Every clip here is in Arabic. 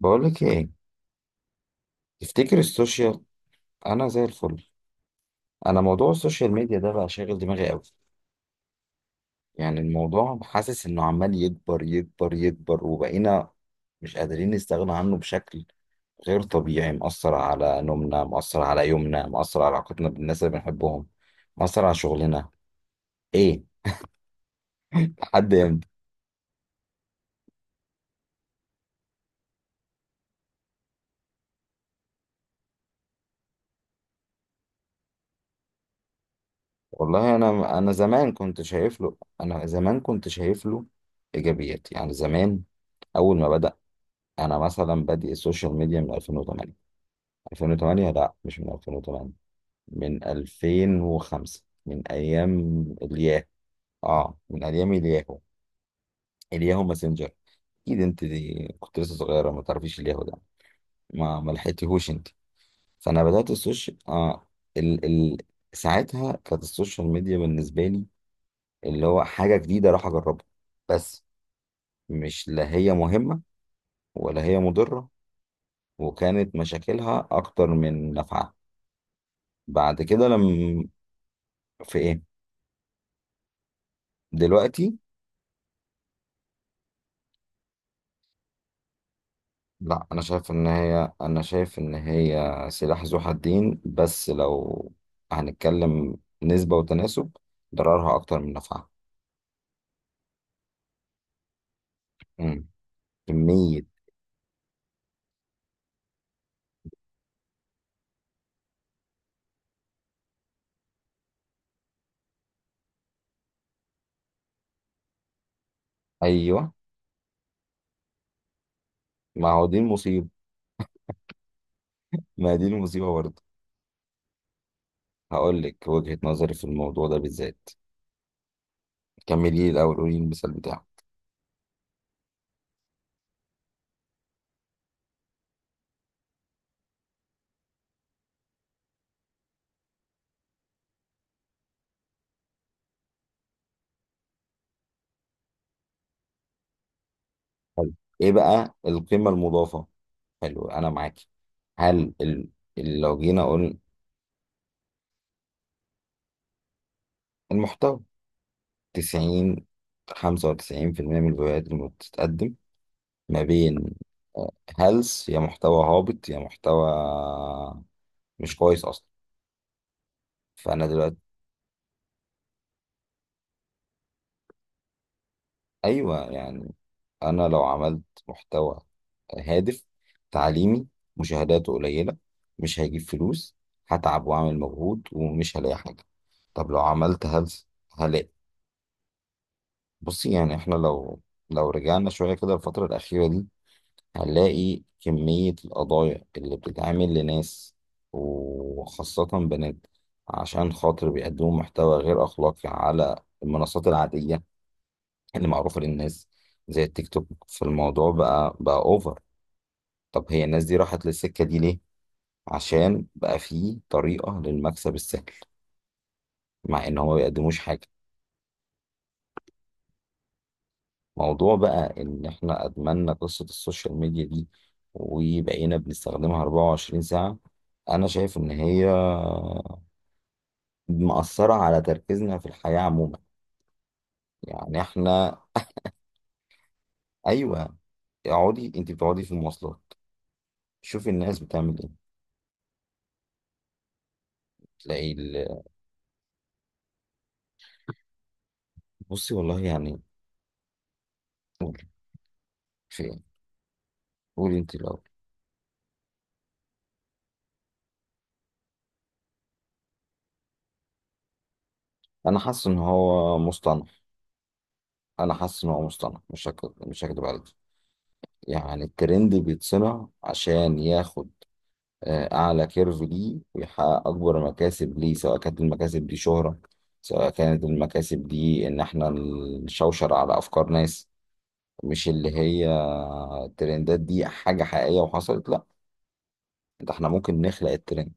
بقولك ايه؟ تفتكر السوشيال؟ انا زي الفل. انا موضوع السوشيال ميديا ده بقى شاغل دماغي قوي. يعني الموضوع حاسس انه عمال يكبر يكبر يكبر وبقينا مش قادرين نستغنى عنه بشكل غير طبيعي، مأثر على نومنا، مأثر على يومنا، مأثر على علاقتنا بالناس اللي بنحبهم، مأثر على شغلنا. ايه؟ لحد امتى؟ والله انا زمان كنت شايف له ايجابيات، يعني زمان اول ما بدأ. انا مثلا بادئ السوشيال ميديا من 2008، 2008 لا، مش من 2008، من 2005، من ايام الياهو. اه، من ايام الياهو، الياهو ماسنجر. اكيد انت دي كنت لسه صغيره، ما تعرفيش الياهو ده، ما لحقتيهوش انت. فانا بدات السوشيال، ال... ال... ساعتها كانت السوشيال ميديا بالنسبه لي اللي هو حاجه جديده اروح اجربها بس. مش، لا هي مهمه ولا هي مضره، وكانت مشاكلها اكتر من نفعها. بعد كده لما، في ايه؟ دلوقتي. لا، انا شايف ان هي سلاح ذو حدين، بس لو هنتكلم نسبة وتناسب، ضررها اكتر من نفعها. امم، كمية. ايوه، ما هو دي المصيبة، ما دي المصيبة برضه. هقول لك وجهة نظري في الموضوع ده بالذات. كملي لي الاول، قولي لي المثال بتاعك. حلو. ايه بقى القيمة المضافة؟ حلو، انا معاكي. هل ال... لو جينا اقول، المحتوى 90، 95% من الفيديوهات اللي بتتقدم ما بين هلس، يا محتوى هابط يا محتوى مش كويس اصلا. فانا دلوقتي، ايوه يعني، انا لو عملت محتوى هادف تعليمي، مشاهداته قليله، مش هيجيب فلوس، هتعب واعمل مجهود ومش هلاقي حاجه. طب لو عملت هلس، هلاقي. بصي يعني، احنا لو، لو رجعنا شويه كده الفتره الاخيره دي، هنلاقي كمية القضايا اللي بتتعمل لناس وخاصة بنات، عشان خاطر بيقدموا محتوى غير أخلاقي على المنصات العادية اللي معروفة للناس زي التيك توك. فالموضوع بقى أوفر. طب هي الناس دي راحت للسكة دي ليه؟ عشان بقى فيه طريقة للمكسب السهل، مع إن هو ما بيقدموش حاجة. موضوع بقى إن إحنا أدمنا قصة السوشيال ميديا دي، وبقينا بنستخدمها 24 ساعة. أنا شايف إن هي مأثرة على تركيزنا في الحياة عموما. يعني احنا، ايوه، اقعدي انت بتقعدي في المواصلات، شوفي الناس بتعمل ايه. تلاقي ال... بصي والله يعني. قولي، في ايه؟ قولي انت الاول. انا حاسس ان هو مصطنع، مش هكدب عليك. يعني الترند بيتصنع عشان ياخد اعلى كيرف ليه ويحقق اكبر مكاسب ليه، سواء كانت المكاسب دي شهرة، سواء كانت المكاسب دي ان احنا نشوشر على افكار ناس. مش اللي هي الترندات دي حاجة حقيقية وحصلت، لا، ده احنا ممكن نخلق الترند.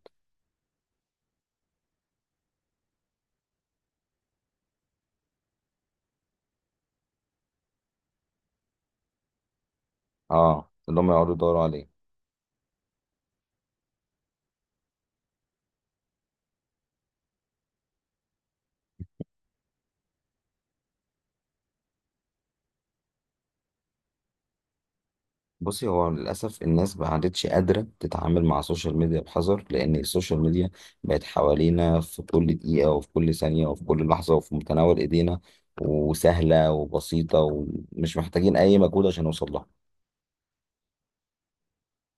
اه، اللي هم يقعدوا يدوروا عليه. بصي، هو للأسف الناس ما عادتش قادرة تتعامل مع السوشيال ميديا بحذر، لأن السوشيال ميديا بقت حوالينا في كل دقيقة وفي كل ثانية وفي كل لحظة وفي متناول إيدينا، وسهلة وبسيطة ومش محتاجين أي مجهود عشان نوصل لها.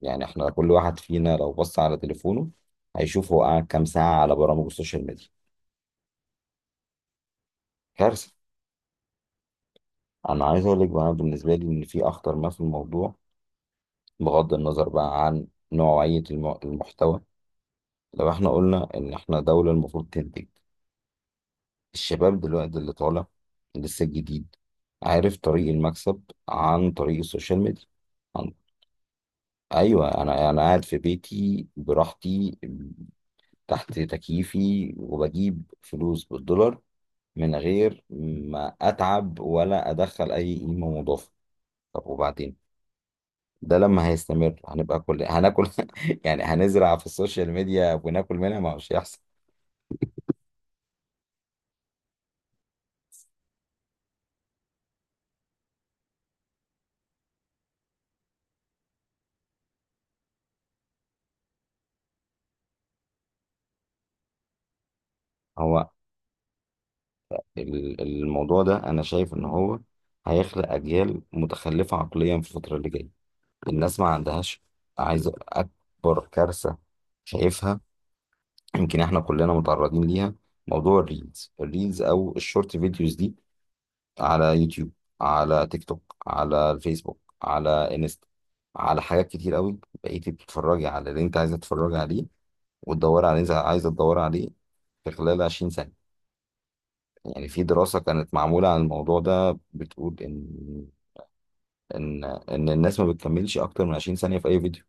يعني احنا كل واحد فينا لو بص على تليفونه هيشوف هو قعد كام ساعة على برامج السوشيال ميديا. كارثة. انا عايز اقول لك بقى، أنا بالنسبه لي ان في اخطر ما في الموضوع، بغض النظر بقى عن نوعيه المحتوى، لو احنا قلنا ان احنا دوله المفروض تنتج، الشباب دلوقتي اللي طالع لسه جديد عارف طريق المكسب عن طريق السوشيال ميديا. عن... ايوه، انا قاعد في بيتي براحتي تحت تكييفي وبجيب فلوس بالدولار من غير ما اتعب ولا ادخل اي قيمه مضافه. طب وبعدين؟ ده لما هيستمر هنبقى كل هناكل. يعني هنزرع في السوشيال ميديا وناكل منها، ما هوش يحصل. هو الموضوع ده انا شايف ان هو هيخلق اجيال متخلفه عقليا في الفتره اللي جايه. الناس ما عندهاش. عايز اكبر كارثه شايفها، يمكن احنا كلنا متعرضين ليها، موضوع الريلز، الريلز او الشورت فيديوز دي، على يوتيوب، على تيك توك، على الفيسبوك، على انستا، على حاجات كتير قوي. بقيتي بتتفرجي على اللي انت عايزه تتفرجي عليه وتدور عليه زي عايزة تدور عليه. في خلال 20 سنة، يعني في دراسة كانت معمولة عن الموضوع ده بتقول إن، إن الناس ما بتكملش أكتر من 20 ثانية في أي فيديو.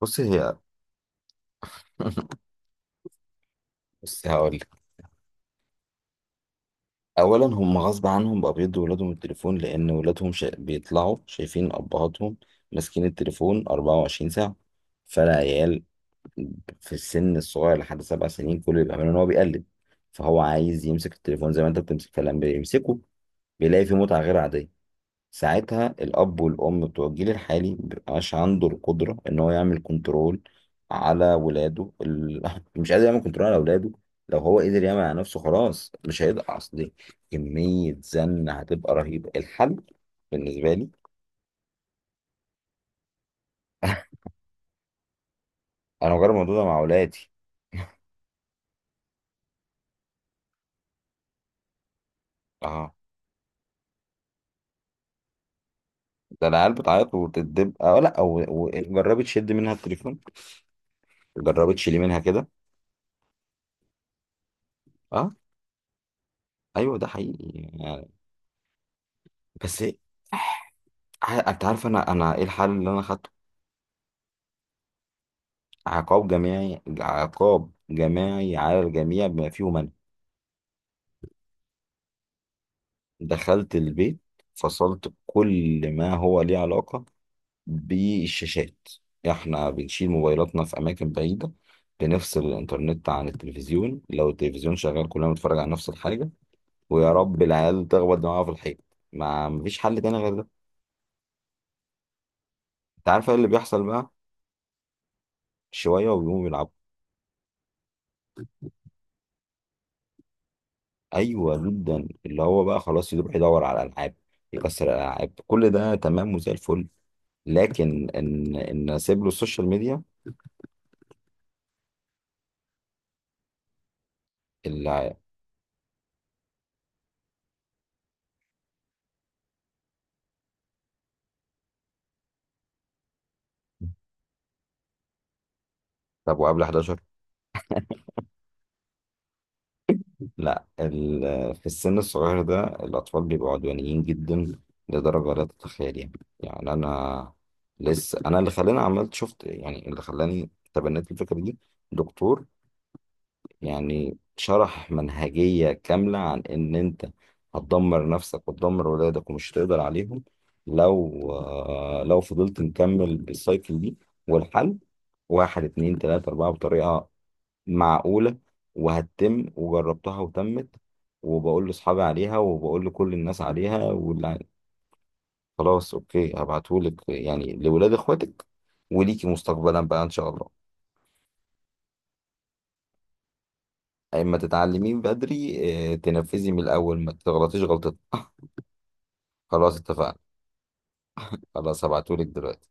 بص هي بص هقول لك. أولا هم غصب عنهم بقى بيدوا ولادهم التليفون، لأن ولادهم بيطلعوا شايفين أبهاتهم ماسكين التليفون 24 ساعة. فالعيال في السن الصغير لحد 7 سنين كل اللي بيعمله إن هو بيقلد، فهو عايز يمسك التليفون زي ما أنت بتمسك، فلما بيمسكه بيلاقي فيه متعة غير عادية. ساعتها الأب والأم بتوع الجيل الحالي مبيبقاش عنده القدرة إن هو يعمل كنترول على ولاده مش قادر يعمل كنترول على ولاده. لو هو قدر يعمل على نفسه خلاص، مش هيقدر. أصل كمية زن هتبقى رهيبة. الحل بالنسبة لي، أنا بجرب الموضوع ده مع ولادي. اه، ده العيال بتعيط وتدب. اه لا، جربي تشد منها التليفون، جربي تشيلي منها كده. اه، ايوه ده حقيقي يعني. بس إيه، انت عارف انا ايه الحل اللي انا خدته؟ عقاب جماعي، عقاب جماعي على الجميع بما فيهم أنا. دخلت البيت، فصلت كل ما هو ليه علاقة بالشاشات. احنا بنشيل موبايلاتنا في أماكن بعيدة، بنفصل الإنترنت عن التلفزيون. لو التلفزيون شغال كلنا بنتفرج على نفس الحاجة، ويا رب العيال تخبط دماغها في الحيط. ما مفيش حل تاني غير ده. انت عارف ايه اللي بيحصل بقى؟ شوية وبيقوموا بيلعبوا. أيوة جدا، اللي هو بقى خلاص يروح يدور على ألعاب، يكسر الألعاب، كل ده تمام وزي الفل. لكن ان اسيب له السوشيال ميديا اللي... طب وقبل 11؟ لا، في السن الصغير ده الاطفال بيبقوا عدوانيين جدا لدرجه لا تتخيليها. يعني انا، لسه انا اللي خلاني عملت شفت يعني اللي خلاني تبنيت الفكره دي، دكتور يعني شرح منهجية كاملة عن إن أنت هتدمر نفسك وتدمر ولادك ومش هتقدر عليهم لو، لو فضلت نكمل بالسايكل دي. والحل واحد اتنين تلاتة أربعة بطريقة معقولة، وهتتم وجربتها وتمت، وبقول لأصحابي عليها وبقول لكل الناس عليها خلاص، أوكي هبعتهولك، يعني لولاد إخواتك وليكي مستقبلا بقى إن شاء الله. أما تتعلمين بدري، اه، تنفذي من الأول ما تغلطيش غلطة. خلاص اتفقنا، خلاص هبعتهولك دلوقتي.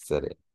سلام.